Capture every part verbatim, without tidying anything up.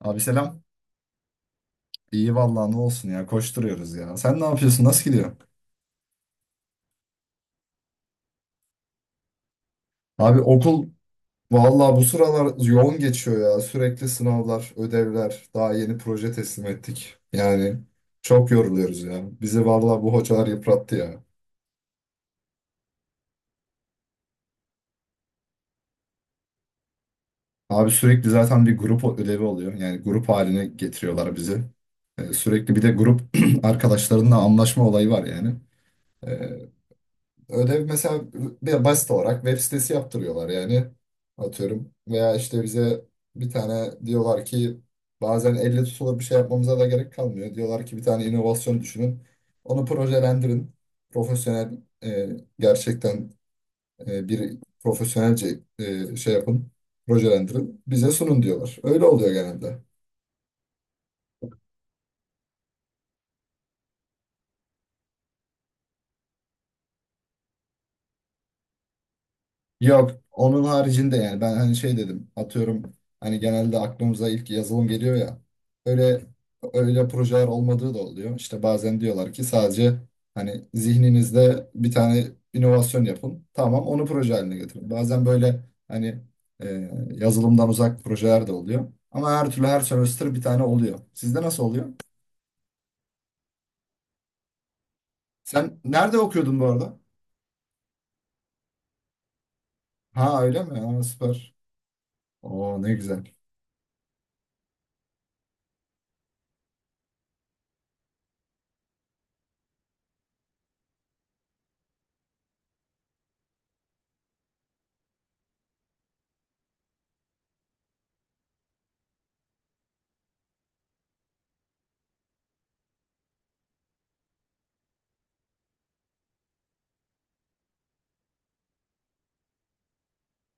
Abi selam. İyi vallahi ne olsun ya, koşturuyoruz ya. Sen ne yapıyorsun? Nasıl gidiyor? Abi okul vallahi bu sıralar yoğun geçiyor ya. Sürekli sınavlar, ödevler, daha yeni proje teslim ettik. Yani çok yoruluyoruz ya. Bizi vallahi bu hocalar yıprattı ya. Abi sürekli zaten bir grup ödevi oluyor. Yani grup haline getiriyorlar bizi. Ee, sürekli bir de grup arkadaşlarınla anlaşma olayı var yani. Ee, Ödev mesela bir basit olarak web sitesi yaptırıyorlar yani atıyorum. Veya işte bize bir tane diyorlar ki, bazen elle tutulur bir şey yapmamıza da gerek kalmıyor. Diyorlar ki bir tane inovasyon düşünün. Onu projelendirin. Profesyonel, e, gerçekten, e, bir profesyonelce e, şey yapın. Projelendirin. Bize sunun diyorlar. Öyle oluyor genelde. Yok, onun haricinde yani, ben hani şey dedim, atıyorum, hani genelde aklımıza ilk yazılım geliyor ya, öyle öyle projeler olmadığı da oluyor. İşte bazen diyorlar ki sadece hani zihninizde bir tane inovasyon yapın, tamam onu proje haline getirin. Bazen böyle hani e, yazılımdan uzak projeler de oluyor, ama her türlü her semester bir tane oluyor. Sizde nasıl oluyor? Sen nerede okuyordun bu arada? Ha, öyle mi? Ha, süper. Oo, ne güzel.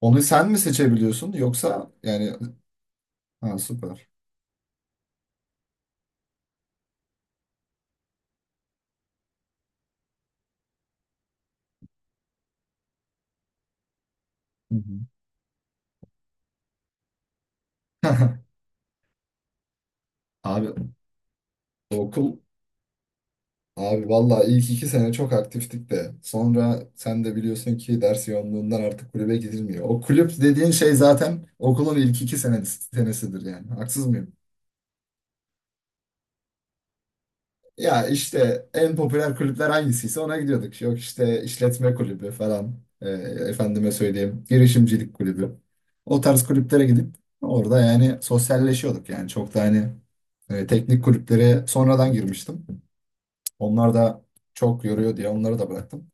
Onu sen mi seçebiliyorsun yoksa yani? Ha, süper. Hı hı. Abi okul abi vallahi ilk iki sene çok aktiftik de sonra sen de biliyorsun ki ders yoğunluğundan artık kulübe gidilmiyor. O kulüp dediğin şey zaten okulun ilk iki sene senesidir yani. Haksız mıyım? Ya işte en popüler kulüpler hangisiyse ona gidiyorduk. Yok işte, işletme kulübü falan. e, Efendime söyleyeyim girişimcilik kulübü. O tarz kulüplere gidip orada yani sosyalleşiyorduk yani, çok da hani e, teknik kulüplere sonradan girmiştim. Onlar da çok yoruyor diye onları da bıraktım.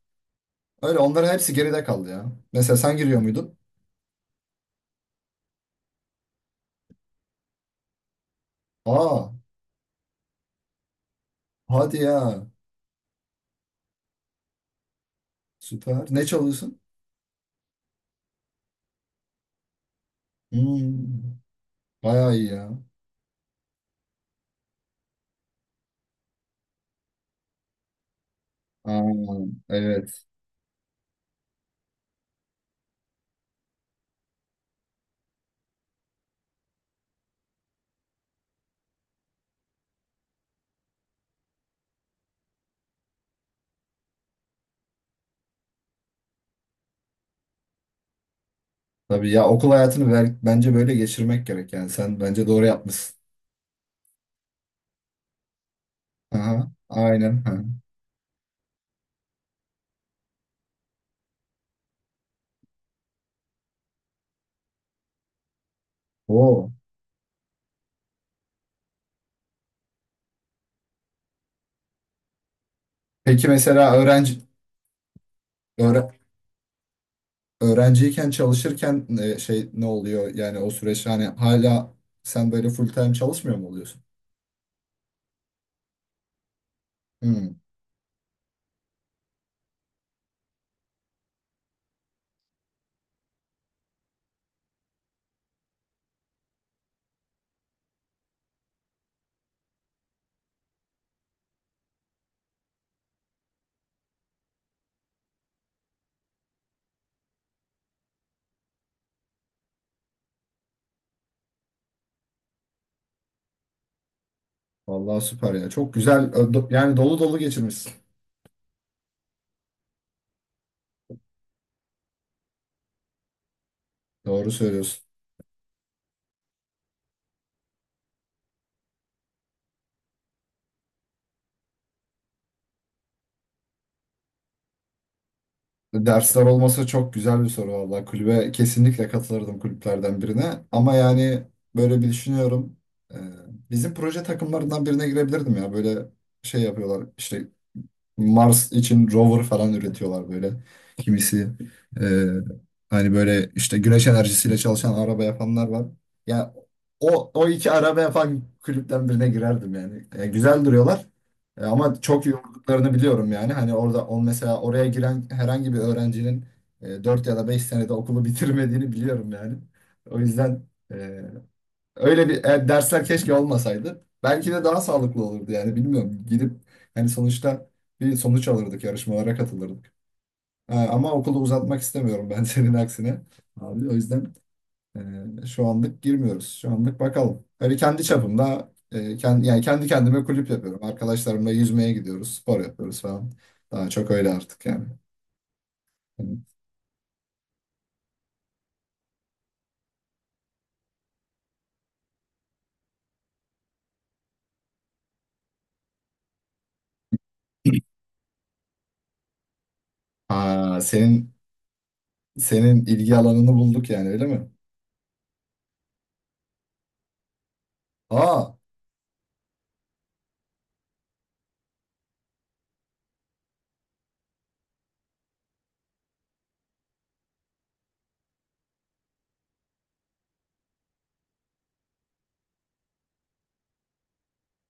Öyle, onların hepsi geride kaldı ya. Mesela sen giriyor muydun? Aa, hadi ya. Süper. Ne çalıyorsun? Hmm, bayağı iyi ya. Aa, evet. Tabii ya, okul hayatını ver- bence böyle geçirmek gerek yani. Sen bence doğru yapmışsın. Aha, aynen. Ha. Oo. Peki mesela öğrenci öğre- öğrenciyken çalışırken e, şey, ne oluyor? Yani o süreç hani, hala sen böyle full time çalışmıyor mu oluyorsun? Hmm. Vallahi süper ya. Çok güzel. ö- Yani dolu dolu geçirmişsin. Doğru söylüyorsun. Dersler olmasa, çok güzel bir soru vallahi. Kulübe kesinlikle katılırdım, kulüplerden birine. Ama yani böyle bir düşünüyorum. Ee, Bizim proje takımlarından birine girebilirdim ya. Böyle şey yapıyorlar. İşte Mars için rover falan üretiyorlar böyle. Kimisi e, hani böyle işte güneş enerjisiyle çalışan araba yapanlar var. Ya, o o iki araba yapan kulüpten birine girerdim yani. E, güzel duruyorlar. E, ama çok yorduklarını biliyorum yani. Hani orada on mesela oraya giren herhangi bir öğrencinin e, dört ya da beş senede okulu bitirmediğini biliyorum yani. O yüzden. e, Öyle bir e, dersler keşke olmasaydı. Belki de daha sağlıklı olurdu yani, bilmiyorum. Gidip hani sonuçta bir sonuç alırdık, yarışmalara katılırdık. E, ama okulu uzatmak istemiyorum ben, senin aksine. Abi o yüzden e, şu anlık girmiyoruz. Şu anlık bakalım. Öyle kendi çapımda e, kendi, yani kendi kendime kulüp yapıyorum. Arkadaşlarımla yüzmeye gidiyoruz, spor yapıyoruz falan. Daha çok öyle artık yani. Yani, aa, senin senin ilgi alanını bulduk yani, öyle mi? Aa,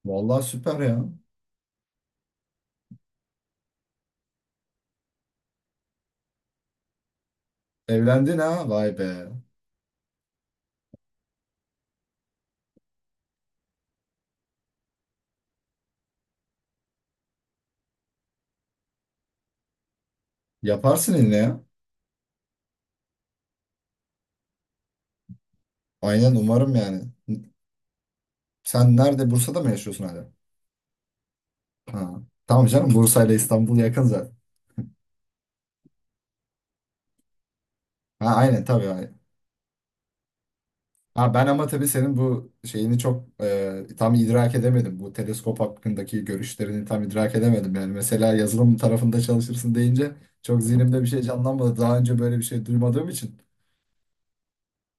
vallahi süper ya. Evlendin ha? Vay be. Yaparsın yine ya. Aynen, umarım yani. Sen nerede? Bursa'da mı yaşıyorsun hala? Ha. Tamam canım, Bursa ile İstanbul yakın zaten. Ha, aynen tabii, aynen. Ha ben ama tabii senin bu şeyini çok e, tam idrak edemedim. Bu teleskop hakkındaki görüşlerini tam idrak edemedim. Yani mesela yazılım tarafında çalışırsın deyince, çok zihnimde bir şey canlanmadı. Daha önce böyle bir şey duymadığım için.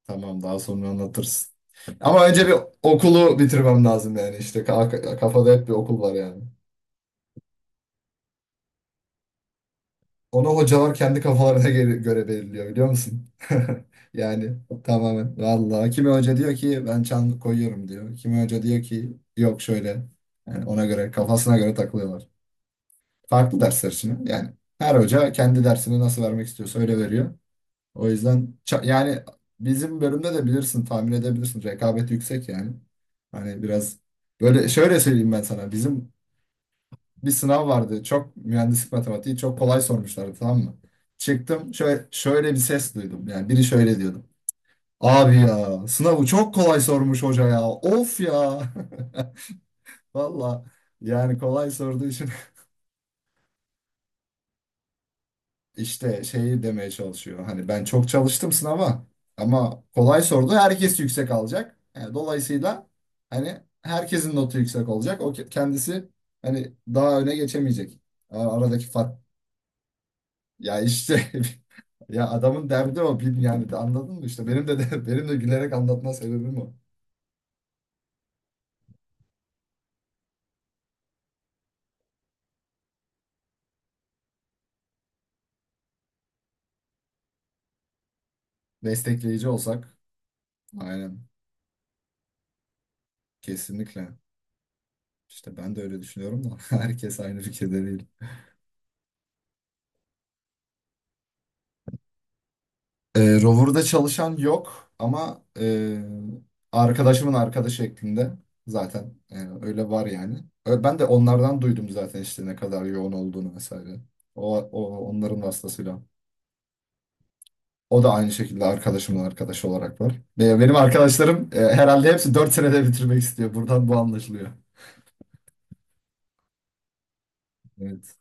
Tamam, daha sonra anlatırsın. Ama önce bir okulu bitirmem lazım yani, işte Ka- kafada hep bir okul var yani. Onu hocalar kendi kafalarına göre, göre belirliyor, biliyor musun? Yani tamamen. Vallahi kimi hoca diyor ki, ben çan koyuyorum diyor. Kimi hoca diyor ki, yok şöyle. Yani ona göre, kafasına göre takılıyorlar. Farklı dersler için. Yani her hoca kendi dersini nasıl vermek istiyorsa öyle veriyor. O yüzden ça- yani bizim bölümde de bilirsin, tahmin edebilirsin, rekabet yüksek yani. Hani biraz böyle, şöyle söyleyeyim ben sana. Bizim bir sınav vardı. Çok mühendislik matematiği çok kolay sormuşlardı, tamam mı? Çıktım, şöyle, şöyle bir ses duydum. Yani biri şöyle diyordu. Abi ya, sınavı çok kolay sormuş hoca ya. Of ya. Valla yani, kolay sorduğu için işte şeyi demeye çalışıyor. Hani ben çok çalıştım sınava ama kolay sordu. Herkes yüksek alacak. Yani dolayısıyla hani herkesin notu yüksek olacak. O ke- kendisi hani daha öne geçemeyecek. A- Aradaki fark. Ya işte, ya adamın derdi o film yani, de anladın mı işte benim de, de benim de gülerek anlatma sebebim o. Destekleyici olsak, aynen, kesinlikle, işte ben de öyle düşünüyorum da herkes aynı fikirde değil. Ee, Rover'da çalışan yok ama e, arkadaşımın arkadaşı şeklinde zaten e, öyle var yani. Ö- Ben de onlardan duydum zaten, işte ne kadar yoğun olduğunu vesaire. O, o onların vasıtasıyla. O da aynı şekilde arkadaşımın arkadaşı olarak var. Ve benim arkadaşlarım e, herhalde hepsi dört senede bitirmek istiyor. Buradan bu anlaşılıyor. Evet.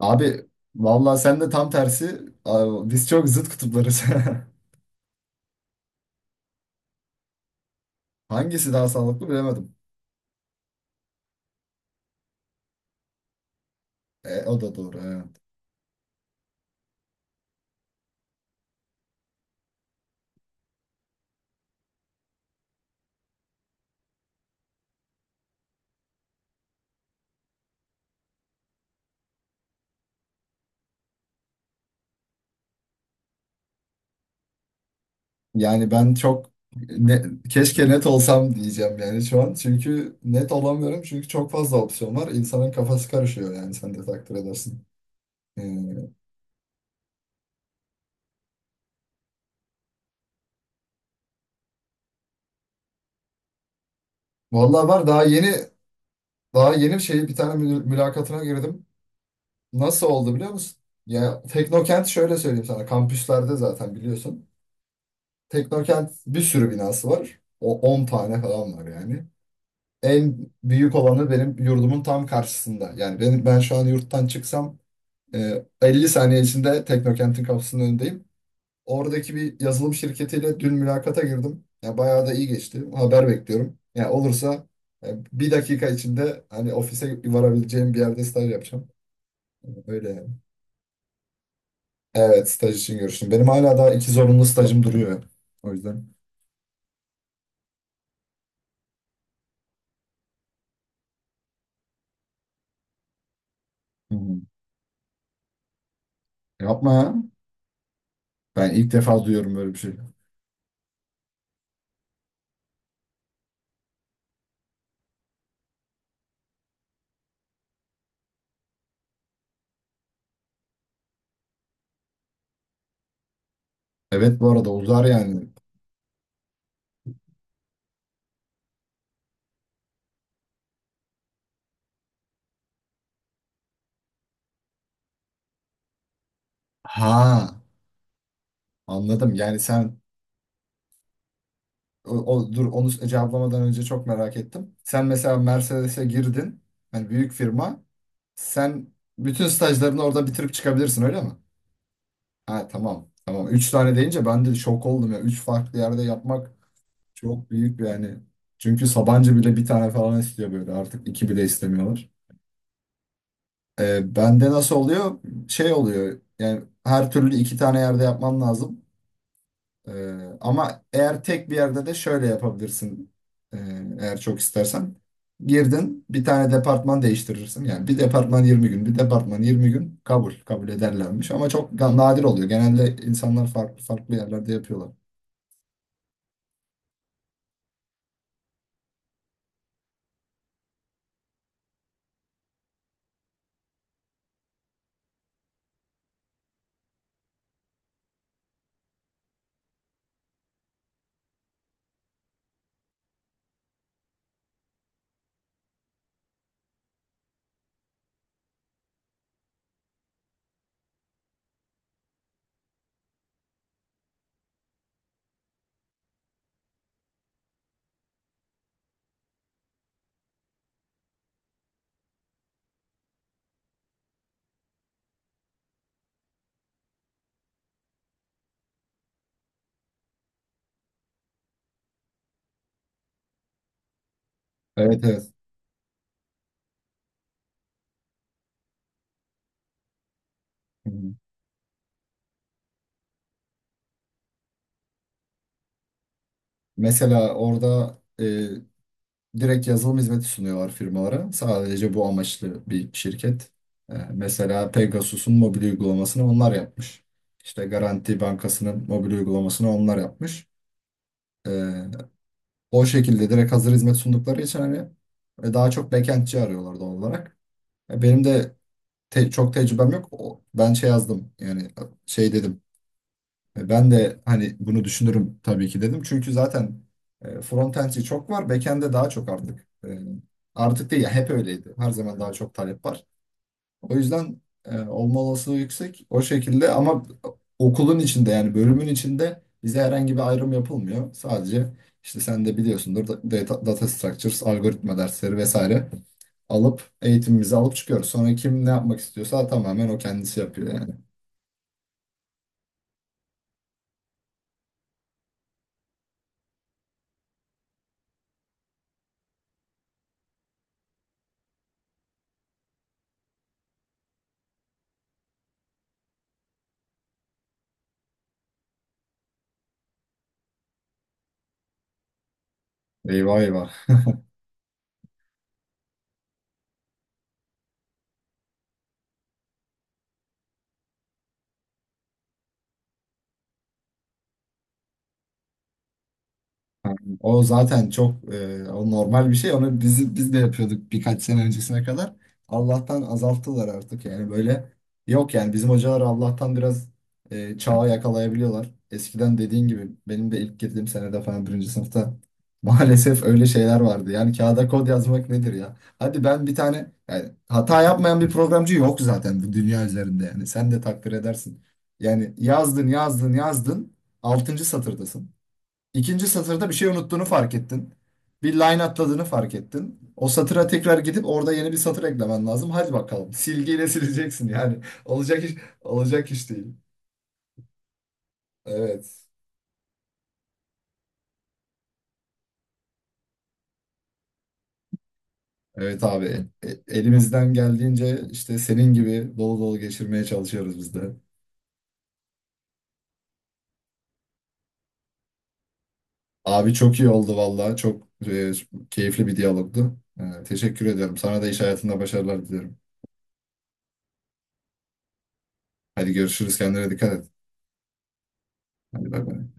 Abi vallahi sen de tam tersi. Abi, biz çok zıt kutuplarız. Hangisi daha sağlıklı bilemedim. E, o da doğru. Evet. Yani ben çok ne- keşke net olsam diyeceğim yani şu an. Çünkü net olamıyorum. Çünkü çok fazla opsiyon var. İnsanın kafası karışıyor yani, sen de takdir edersin. E, Vallahi var, daha yeni daha yeni şey, bir tane mül- mülakatına girdim. Nasıl oldu biliyor musun? Ya, Teknokent şöyle söyleyeyim sana. Kampüslerde zaten biliyorsun. Teknokent bir sürü binası var. O on tane falan var yani. En büyük olanı benim yurdumun tam karşısında. Yani benim, ben şu an yurttan çıksam e, elli saniye içinde Teknokent'in kapısının önündeyim. Oradaki bir yazılım şirketiyle dün mülakata girdim. Ya bayağı da iyi geçti. Haber bekliyorum. Ya olursa e, bir dakika içinde hani ofise varabileceğim bir yerde staj yapacağım. Öyle yani. Evet, staj için görüştüm. Benim hala daha iki zorunlu stajım duruyor. O yüzden. Hı hı. Yapma ya. Ben ilk defa duyuyorum böyle bir şey. Evet, bu arada uzar yani. Ha, anladım. Yani sen, o, o- dur, onu cevaplamadan önce çok merak ettim. Sen mesela Mercedes'e girdin. Hani büyük firma. Sen bütün stajlarını orada bitirip çıkabilirsin, öyle mi? Ha, tamam. Tamam. Üç tane deyince ben de şok oldum ya. Üç farklı yerde yapmak çok büyük bir yani. Çünkü Sabancı bile bir tane falan istiyor böyle. Artık iki bile istemiyorlar. Ee, bende nasıl oluyor? Şey oluyor. Yani her türlü iki tane yerde yapmam lazım. Ee, ama eğer tek bir yerde de şöyle yapabilirsin. Ee, Eğer çok istersen. Girdin, bir tane departman değiştirirsin. Yani bir departman yirmi gün, bir departman yirmi gün kabul, kabul ederlermiş. Ama çok ga- nadir oluyor. Genelde insanlar farklı farklı yerlerde yapıyorlar. Evet, evet. Hı hı. Mesela orada e, direkt yazılım hizmeti sunuyorlar firmalara. Sadece bu amaçlı bir şirket. E, mesela Pegasus'un mobil uygulamasını onlar yapmış. İşte Garanti Bankası'nın mobil uygulamasını onlar yapmış. Ee, O şekilde direkt hazır hizmet sundukları için hani e, daha çok backendçi arıyorlar doğal olarak. E, benim de te- çok tecrübem yok. O, ben şey yazdım yani, e, şey dedim. E, ben de hani bunu düşünürüm tabii ki dedim. Çünkü zaten e, frontendçi çok var. Backend'de daha çok artık. E, artık değil ya, hep öyleydi. Her zaman daha çok talep var. O yüzden e, olma olasılığı yüksek o şekilde, ama okulun içinde yani bölümün içinde bize herhangi bir ayrım yapılmıyor. Sadece işte sen de biliyorsundur, da- data, data structures, algoritma dersleri vesaire alıp eğitimimizi alıp çıkıyoruz. Sonra kim ne yapmak istiyorsa tamamen o kendisi yapıyor yani. Eyvah, eyvah. O zaten çok, e, o normal bir şey. Onu biz biz de yapıyorduk birkaç sene öncesine kadar. Allah'tan azalttılar artık yani, böyle yok yani, bizim hocalar Allah'tan biraz e, çağı yakalayabiliyorlar. Eskiden dediğin gibi benim de ilk girdiğim senede falan, birinci sınıfta maalesef öyle şeyler vardı. Yani kağıda kod yazmak nedir ya? Hadi ben bir tane, yani hata yapmayan bir programcı yok zaten bu dünya üzerinde yani, sen de takdir edersin. Yani yazdın, yazdın, yazdın, altıncı satırdasın. İkinci satırda bir şey unuttuğunu fark ettin. Bir line atladığını fark ettin. O satıra tekrar gidip orada yeni bir satır eklemen lazım. Hadi bakalım. Silgiyle sileceksin yani. Olacak iş, olacak iş değil. Evet. Evet abi. E- e- elimizden geldiğince işte senin gibi dolu dolu geçirmeye çalışıyoruz biz de. Abi çok iyi oldu valla. Çok e, keyifli bir diyalogdu. E, teşekkür ediyorum. Sana da iş hayatında başarılar diliyorum. Hadi görüşürüz. Kendine dikkat et. Hadi bay bay.